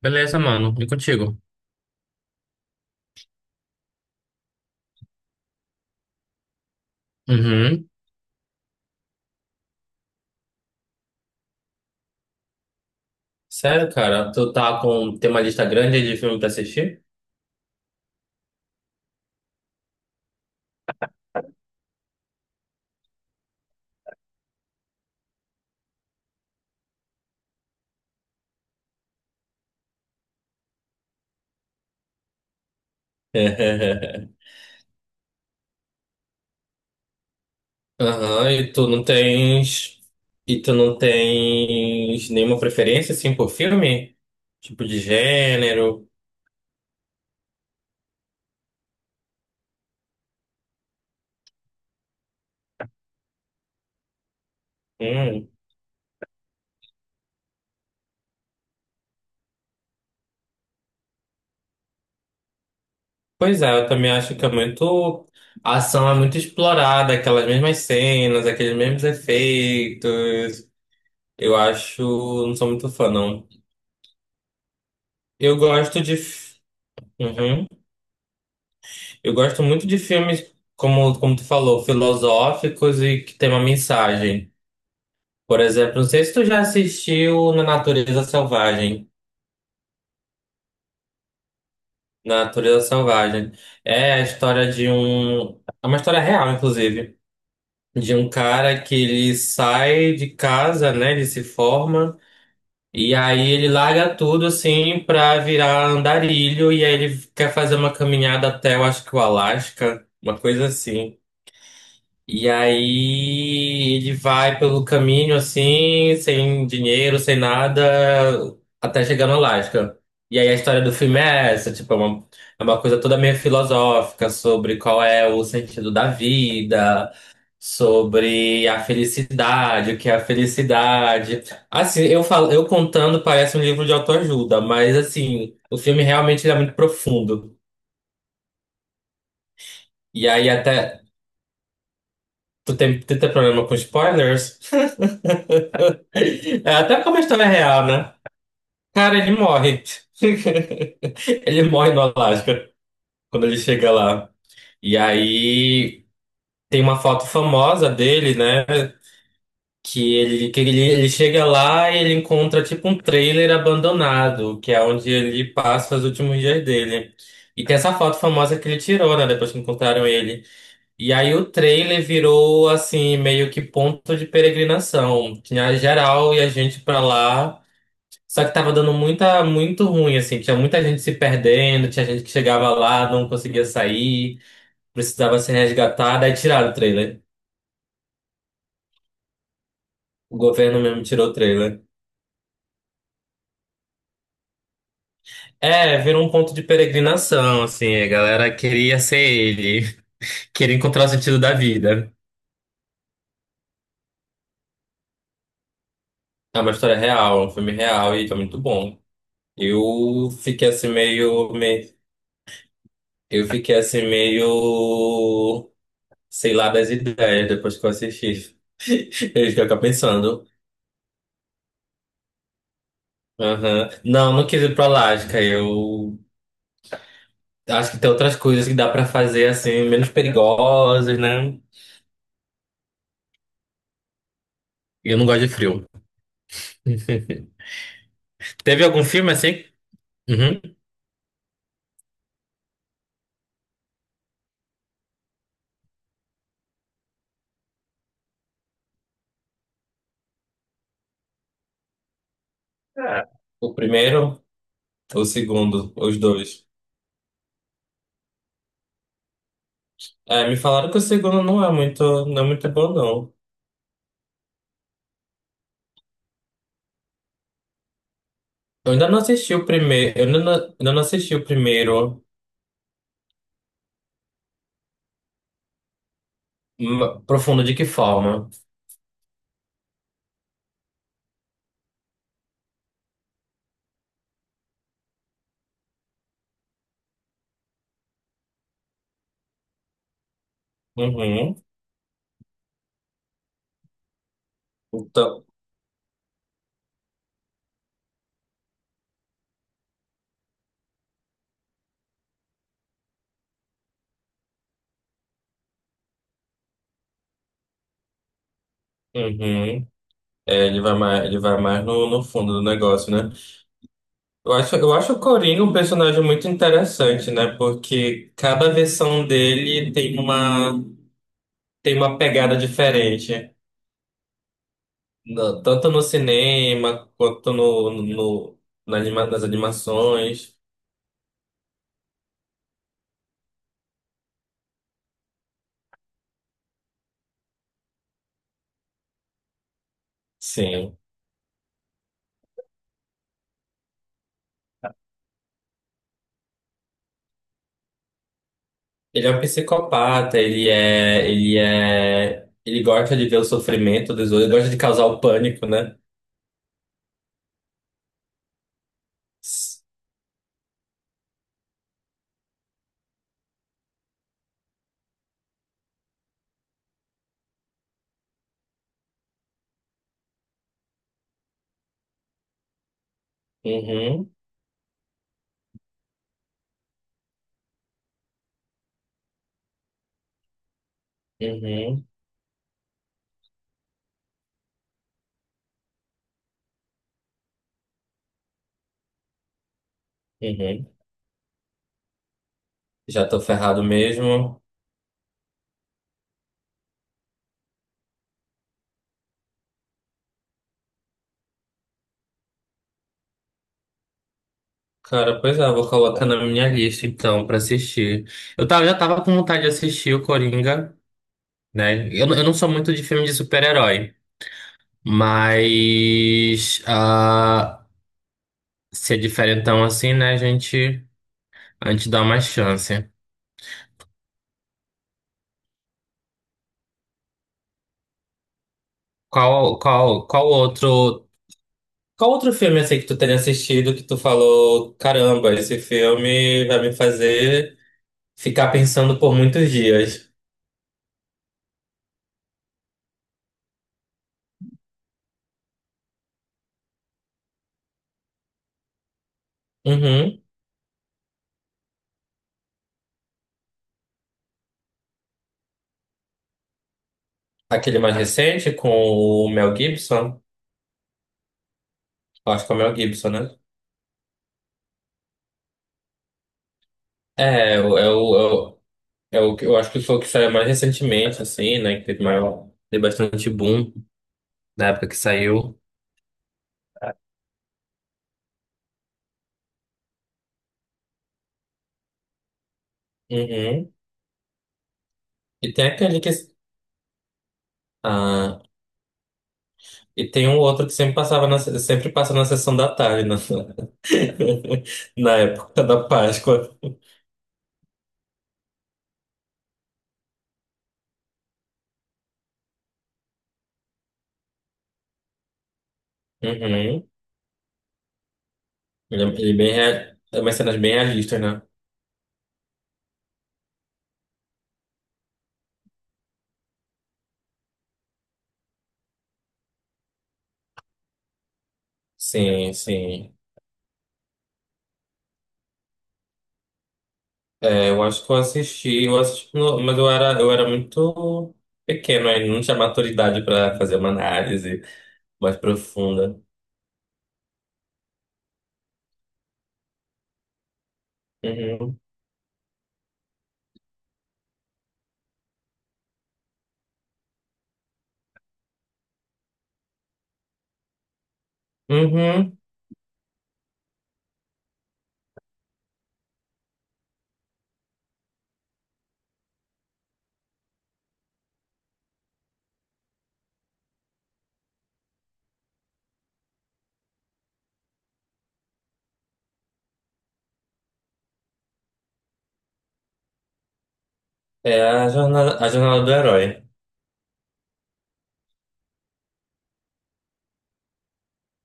Beleza, mano. E contigo? Uhum. Sério, cara? Tem uma lista grande de filme pra assistir? Aham. E tu não tens nenhuma preferência, assim, por filme? Tipo de gênero? Hum. Pois é, eu também acho que é muito... A ação é muito explorada, aquelas mesmas cenas, aqueles mesmos efeitos. Eu acho... Não sou muito fã, não. Eu gosto de... f- Uhum. Eu gosto muito de filmes, como tu falou, filosóficos e que tem uma mensagem. Por exemplo, não sei se tu já assistiu Na Natureza Selvagem. Na Natureza Selvagem. É a história de um. É uma história real, inclusive. De um cara que ele sai de casa, né? Ele se forma. E aí ele larga tudo, assim, pra virar andarilho. E aí ele quer fazer uma caminhada até, eu acho que o Alasca. Uma coisa assim. E aí ele vai pelo caminho assim, sem dinheiro, sem nada, até chegar no Alasca. E aí a história do filme é essa, tipo, é uma coisa toda meio filosófica sobre qual é o sentido da vida, sobre a felicidade, o que é a felicidade. Assim, eu falo, eu contando parece um livro de autoajuda, mas assim, o filme realmente ele é muito profundo. E aí até tu tem problema com spoilers? É, até porque é uma história é real, né? Cara, ele morre. Ele morre no Alasca quando ele chega lá. E aí tem uma foto famosa dele, né? Que ele chega lá e ele encontra tipo um trailer abandonado, que é onde ele passa os últimos dias dele. E tem essa foto famosa que ele tirou, né? Depois que encontraram ele. E aí o trailer virou assim, meio que ponto de peregrinação. Tinha geral e a gente pra lá. Só que tava dando muito ruim, assim. Tinha muita gente se perdendo, tinha gente que chegava lá, não conseguia sair, precisava ser resgatada. Aí tiraram o trailer. O governo mesmo tirou o trailer. É, virou um ponto de peregrinação, assim. A galera queria ser ele, queria encontrar o sentido da vida. É uma história real, é um filme real e foi muito bom. Eu fiquei assim meio, me- eu fiquei assim meio, sei lá, das ideias depois que eu assisti. Eu fiquei pensando. Aham. Não, não quis ir pra Alasca. Eu acho que tem outras coisas que dá pra fazer assim, menos perigosas, né? Eu não gosto de frio. Teve algum filme assim? Uhum. É. O primeiro ou o segundo? Os dois. É, me falaram que o segundo não é muito bom, não. Eu ainda não assisti o primeiro. Eu ainda não assisti o primeiro. Profundo de que forma? Uhum. Então, uhum. É, ele vai mais no fundo do negócio, né? Eu acho o Coringa um personagem muito interessante, né? Porque cada versão dele tem uma, pegada diferente. Tanto no cinema, quanto no nas animações. Sim. Ele é um psicopata, ele gosta de ver o sofrimento dos outros, ele gosta de causar o pânico, né? S- Uhum, uhum, uhum. Já tô ferrado mesmo. Cara, pois é, eu vou colocar na minha lista então pra assistir. Já tava com vontade de assistir o Coringa, né? Eu não sou muito de filme de super-herói, mas se é diferentão assim, né, a gente dá uma chance. Qual, qual, qual outro, qual outro filme assim que tu tenha assistido que tu falou, caramba, esse filme vai me fazer ficar pensando por muitos dias? Uhum. Aquele mais recente com o Mel Gibson? Eu acho que é o Mel Gibson, né? É, eu acho que foi o que saiu mais recentemente, assim, né? Que teve bastante boom na época que saiu. Uhum. E tem aquele que. Ah, e tem um outro que sempre passa na sessão da tarde, na época da Páscoa. Uhum. Ele é bem, rea- é umas cenas bem realistas, né? Sim, sim. É, eu acho que eu assisti, mas eu era muito pequeno ainda, não tinha maturidade para fazer uma análise mais profunda. Uhum. Uhum. É a jornada do herói.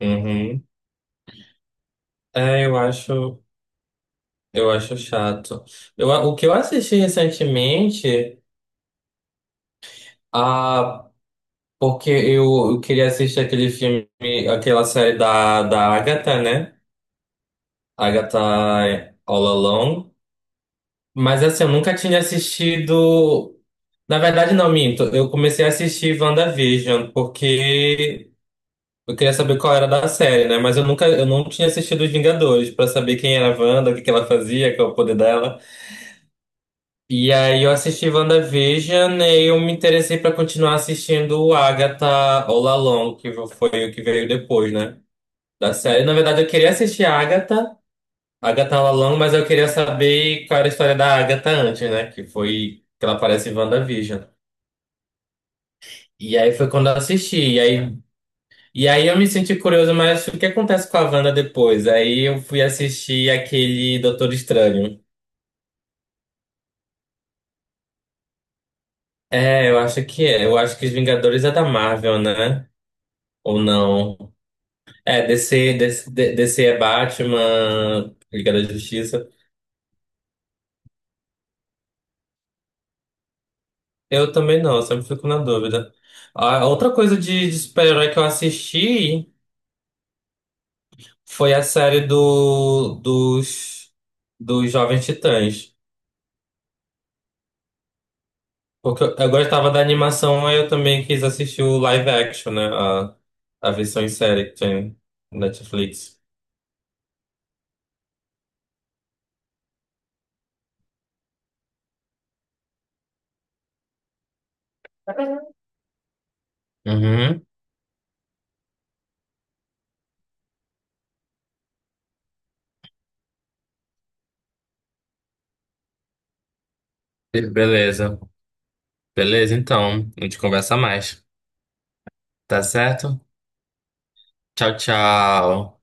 Uhum. É, eu acho chato. O que eu assisti recentemente, ah, porque eu queria assistir aquele filme, aquela série da Agatha, né? Agatha All Along. Mas assim, eu nunca tinha assistido. Na verdade, não, minto. Eu comecei a assistir WandaVision porque eu queria saber qual era da série, né? Mas eu não tinha assistido Os Vingadores pra saber quem era a Wanda, o que que ela fazia, qual é o poder dela. E aí eu assisti WandaVision e eu me interessei pra continuar assistindo o Agatha All Along, que foi o que veio depois, né? Da série. Na verdade, eu queria assistir a Agatha. Agatha Lalong, mas eu queria saber qual era a história da Agatha antes, né? Que foi que ela aparece em WandaVision. E aí foi quando eu assisti. E aí eu me senti curioso, mas o que acontece com a Wanda depois? Aí eu fui assistir aquele Doutor Estranho. É, eu acho que é. Eu acho que os Vingadores é da Marvel, né? Ou não? É, DC, DC, D- C, D- DC é Batman, Liga da Justiça. Eu também não, eu sempre fico na dúvida. Ah, outra coisa de super-herói que eu assisti. Foi a série dos Jovens Titãs. Porque eu gostava da animação, aí eu também quis assistir o live action, né? A versão em série que tem no Netflix. Uhum. Beleza. Beleza, então. A gente conversa mais. Tá certo? Tchau, tchau.